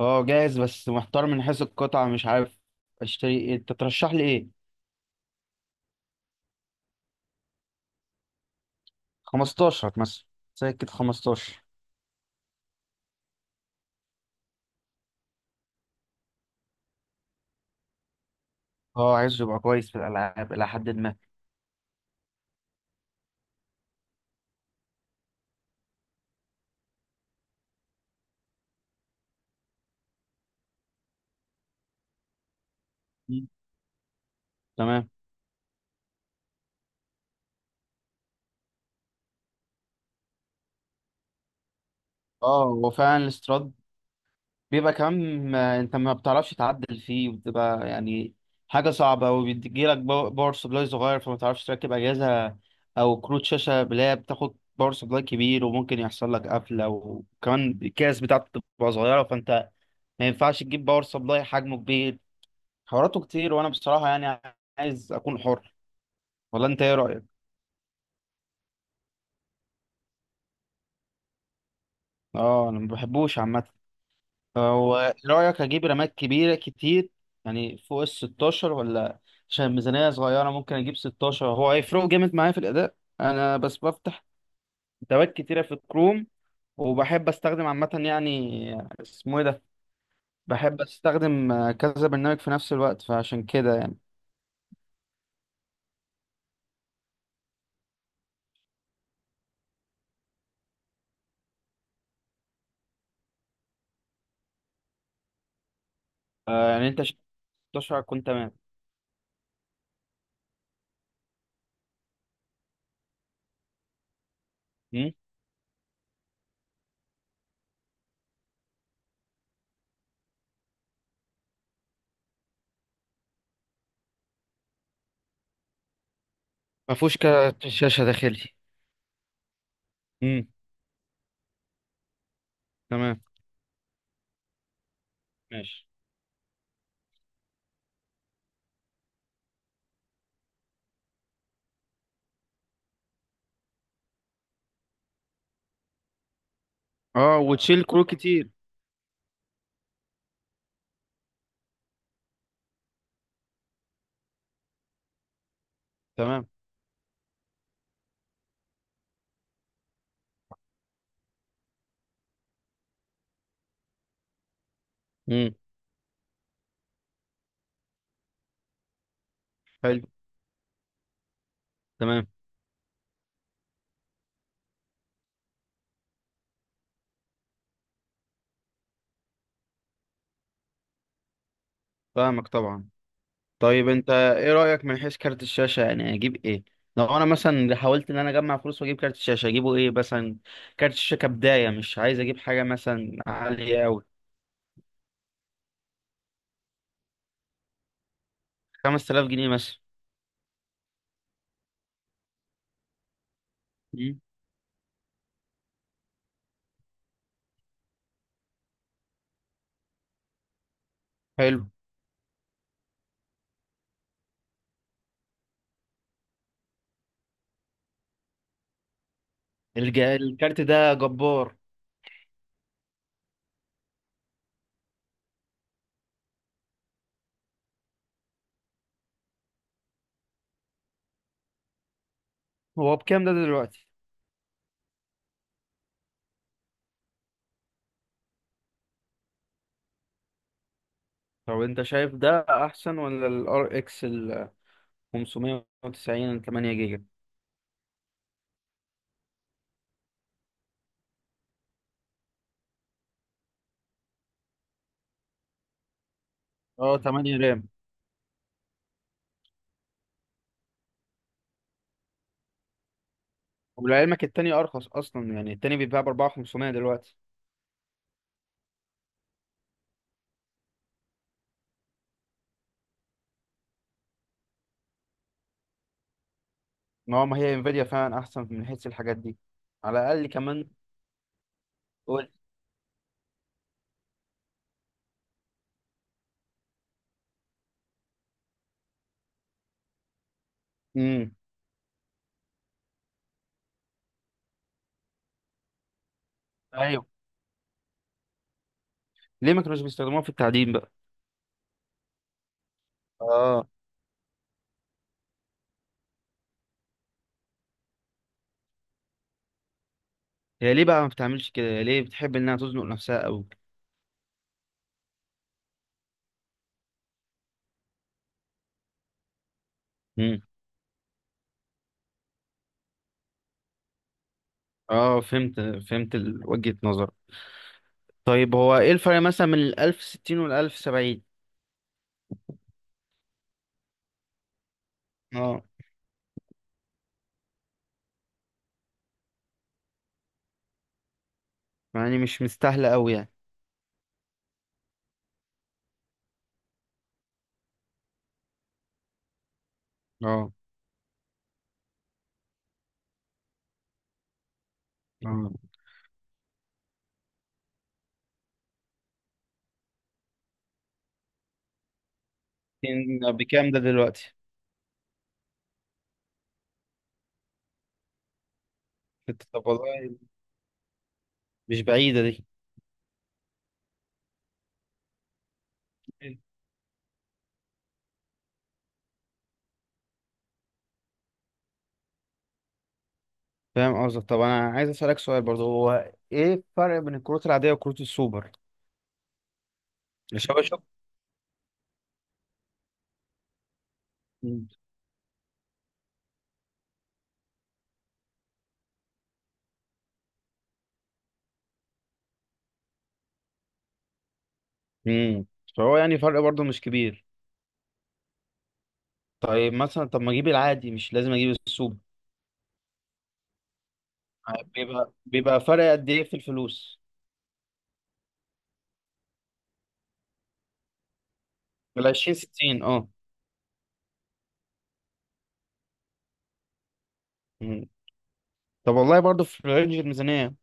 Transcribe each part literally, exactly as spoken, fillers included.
اه، جاهز بس محتار من حيث القطعة. مش عارف اشتري ايه. انت ترشح لي ايه؟ خمسة عشر مثلا. سكة خمستاشر. اه، عايزه يبقى كويس في الالعاب الى حد ما. مم. تمام. اه، هو فعلا الاستراد بيبقى كمان، ما- انت ما بتعرفش تعدل فيه وبتبقى يعني حاجة صعبة، وبيجيلك باو- باور سبلاي صغير، فما تعرفش تركب اجهزة او كروت شاشة اللي هي بتاخد باور سبلاي كبير، وممكن يحصل لك قفلة. وكمان الكاس بتاعته بتبقى صغيرة، فانت ما ينفعش تجيب باور سبلاي حجمه كبير. حواراته كتير، وانا بصراحه يعني عايز اكون حر. ولا انت ايه رايك؟ اه، انا ما بحبوش عامه. هو رايك اجيب رمات كبيره كتير، يعني فوق ال ستاشر ولا؟ عشان الميزانيه صغيره ممكن اجيب ستاشر. هو هيفرقوا جامد معايا في الاداء؟ انا بس بفتح تبات كتيره في الكروم، وبحب استخدم عامه يعني، اسمه ايه ده، بحب استخدم آه، كذا برنامج في نفس الوقت، فعشان كده يعني آه، يعني انت، ستة عشر هتكون تمام. مم؟ ما فيهوش كارت شاشه داخلي. امم. تمام. ماشي. اه، وتشيل كروت كتير. تمام. امم. حلو. تمام. فاهمك طبعا. طيب انت ايه رأيك من حيث كارت الشاشة؟ يعني اجيب ايه؟ لو انا مثلا حاولت ان انا اجمع فلوس واجيب كارت الشاشة، اجيبه ايه مثلا؟ كارت الشاشة كبداية مش عايز اجيب حاجة مثلا عالية اوي. خمسة آلاف جنيه مثلا. مم. حلو. الج... الكارت ده جبار. هو بكام ده دلوقتي؟ طب انت شايف ده احسن ولا الار اكس ال خمسمئة وتسعين تمانية جيجا؟ اه، تمانية رام. ولعلمك التاني ارخص اصلا، يعني التاني بيتباع ب اربعتلاف وخمسمية دلوقتي. ما هو ما هي انفيديا فعلا احسن من حيث الحاجات دي، على الاقل. كمان قول. امم. ايوه. ليه ما كانوش بيستخدموها في التعدين بقى؟ اه. هي ليه بقى ما بتعملش كده؟ هي ليه بتحب انها تزنق نفسها قوي؟ امم. اه، فهمت. فهمت ال- وجهة نظر. طيب هو ايه الفرق مثلا من ال الف وستين وال الف وسبعين؟ اه. يعني مش مستاهله قوي يعني. اه. اه، ستين بكام ده دلوقتي؟ طب والله مش بعيدة دي. فاهم قصدك. طب انا عايز اسالك سؤال برضه، هو ايه الفرق بين الكروت العاديه وكروت السوبر؟ الشباشب. امم. فهو يعني فرق برضه مش كبير. طيب مثلا، طب ما اجيب العادي، مش لازم اجيب السوبر. آه، بيبقى بيبقى فرق قد ايه في الفلوس؟ بال عشرين ستين. اه. مم. طب والله برضه في رينج الميزانيه.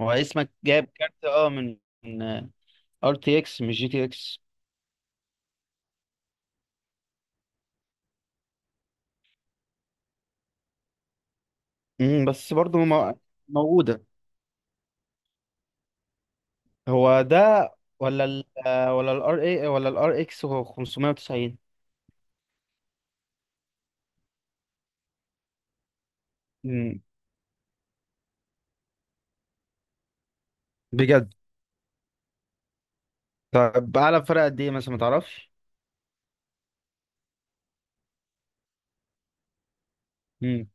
هو اسمك جايب كارت اه من ار تي اكس مش جي تي اكس. امم. بس برضه مو- موجوده. هو ده، ولا ال آه، ولا الار اي، ولا الار اكس هو خمسمئة وتسعين؟ مم. بجد؟ طب اعلى فرق قد ايه مثلا، ما تعرفش؟ مم.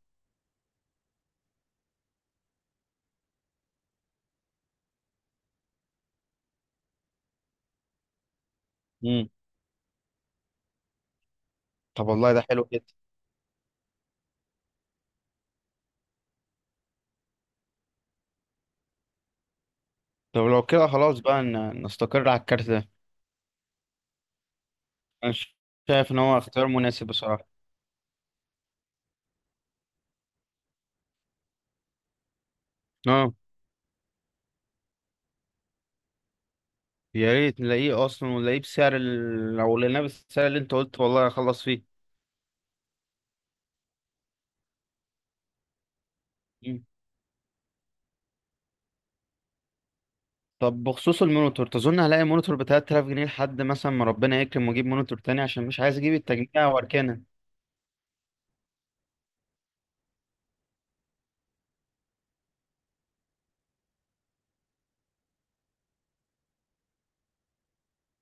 مم. طب والله ده حلو جدا. طب لو كده خلاص بقى ن- نستقر على الكارت ده. انا ش- شايف ان هو اختيار مناسب بصراحة. اه. يا ريت نلاقيه اصلا، ونلاقيه بسعر ال... لو لقيناه بالسعر اللي انت قلت، والله هخلص فيه. مم. طب بخصوص المونيتور، تظن هلاقي مونيتور ب تلتلاف جنيه لحد مثلا ما ربنا يكرم واجيب مونيتور تاني، عشان مش عايز اجيب التجميع واركنه.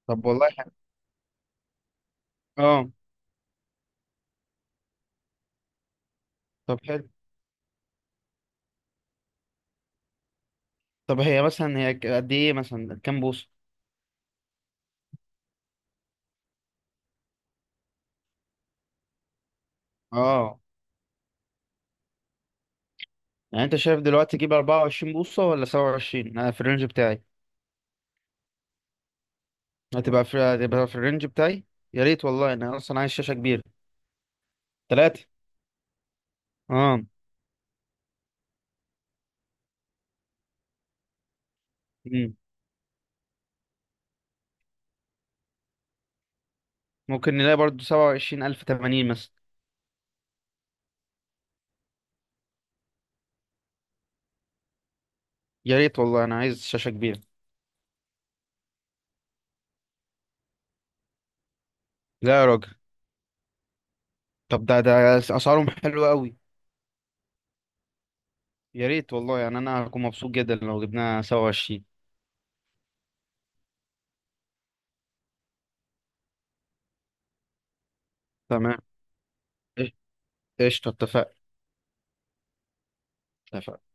طب والله حلو. اه. طب حلو. طب هي مثلا، هي ك- قد ايه مثلا؟ كام بوصة؟ اه. يعني انت شايف دلوقتي تجيب اربعة وعشرين بوصة ولا سبعة وعشرين؟ انا في الرينج بتاعي. هتبقى في هتبقى في الرينج بتاعي. يا ريت والله، انا اصلا عايز شاشة كبيرة. تلاتة. اه. مم. ممكن نلاقي برضو سبعة وعشرين او تمانين ألف تمانين مثلا. يا ريت والله، انا عايز شاشة كبيرة. لا يا راجل. طب ده ده اسعارهم حلوة قوي. يا ريت والله يعني انا هكون مبسوط جدا لو جبناها سبعة وعشرين. تمام. قشطة. اتفقنا. اتفقنا.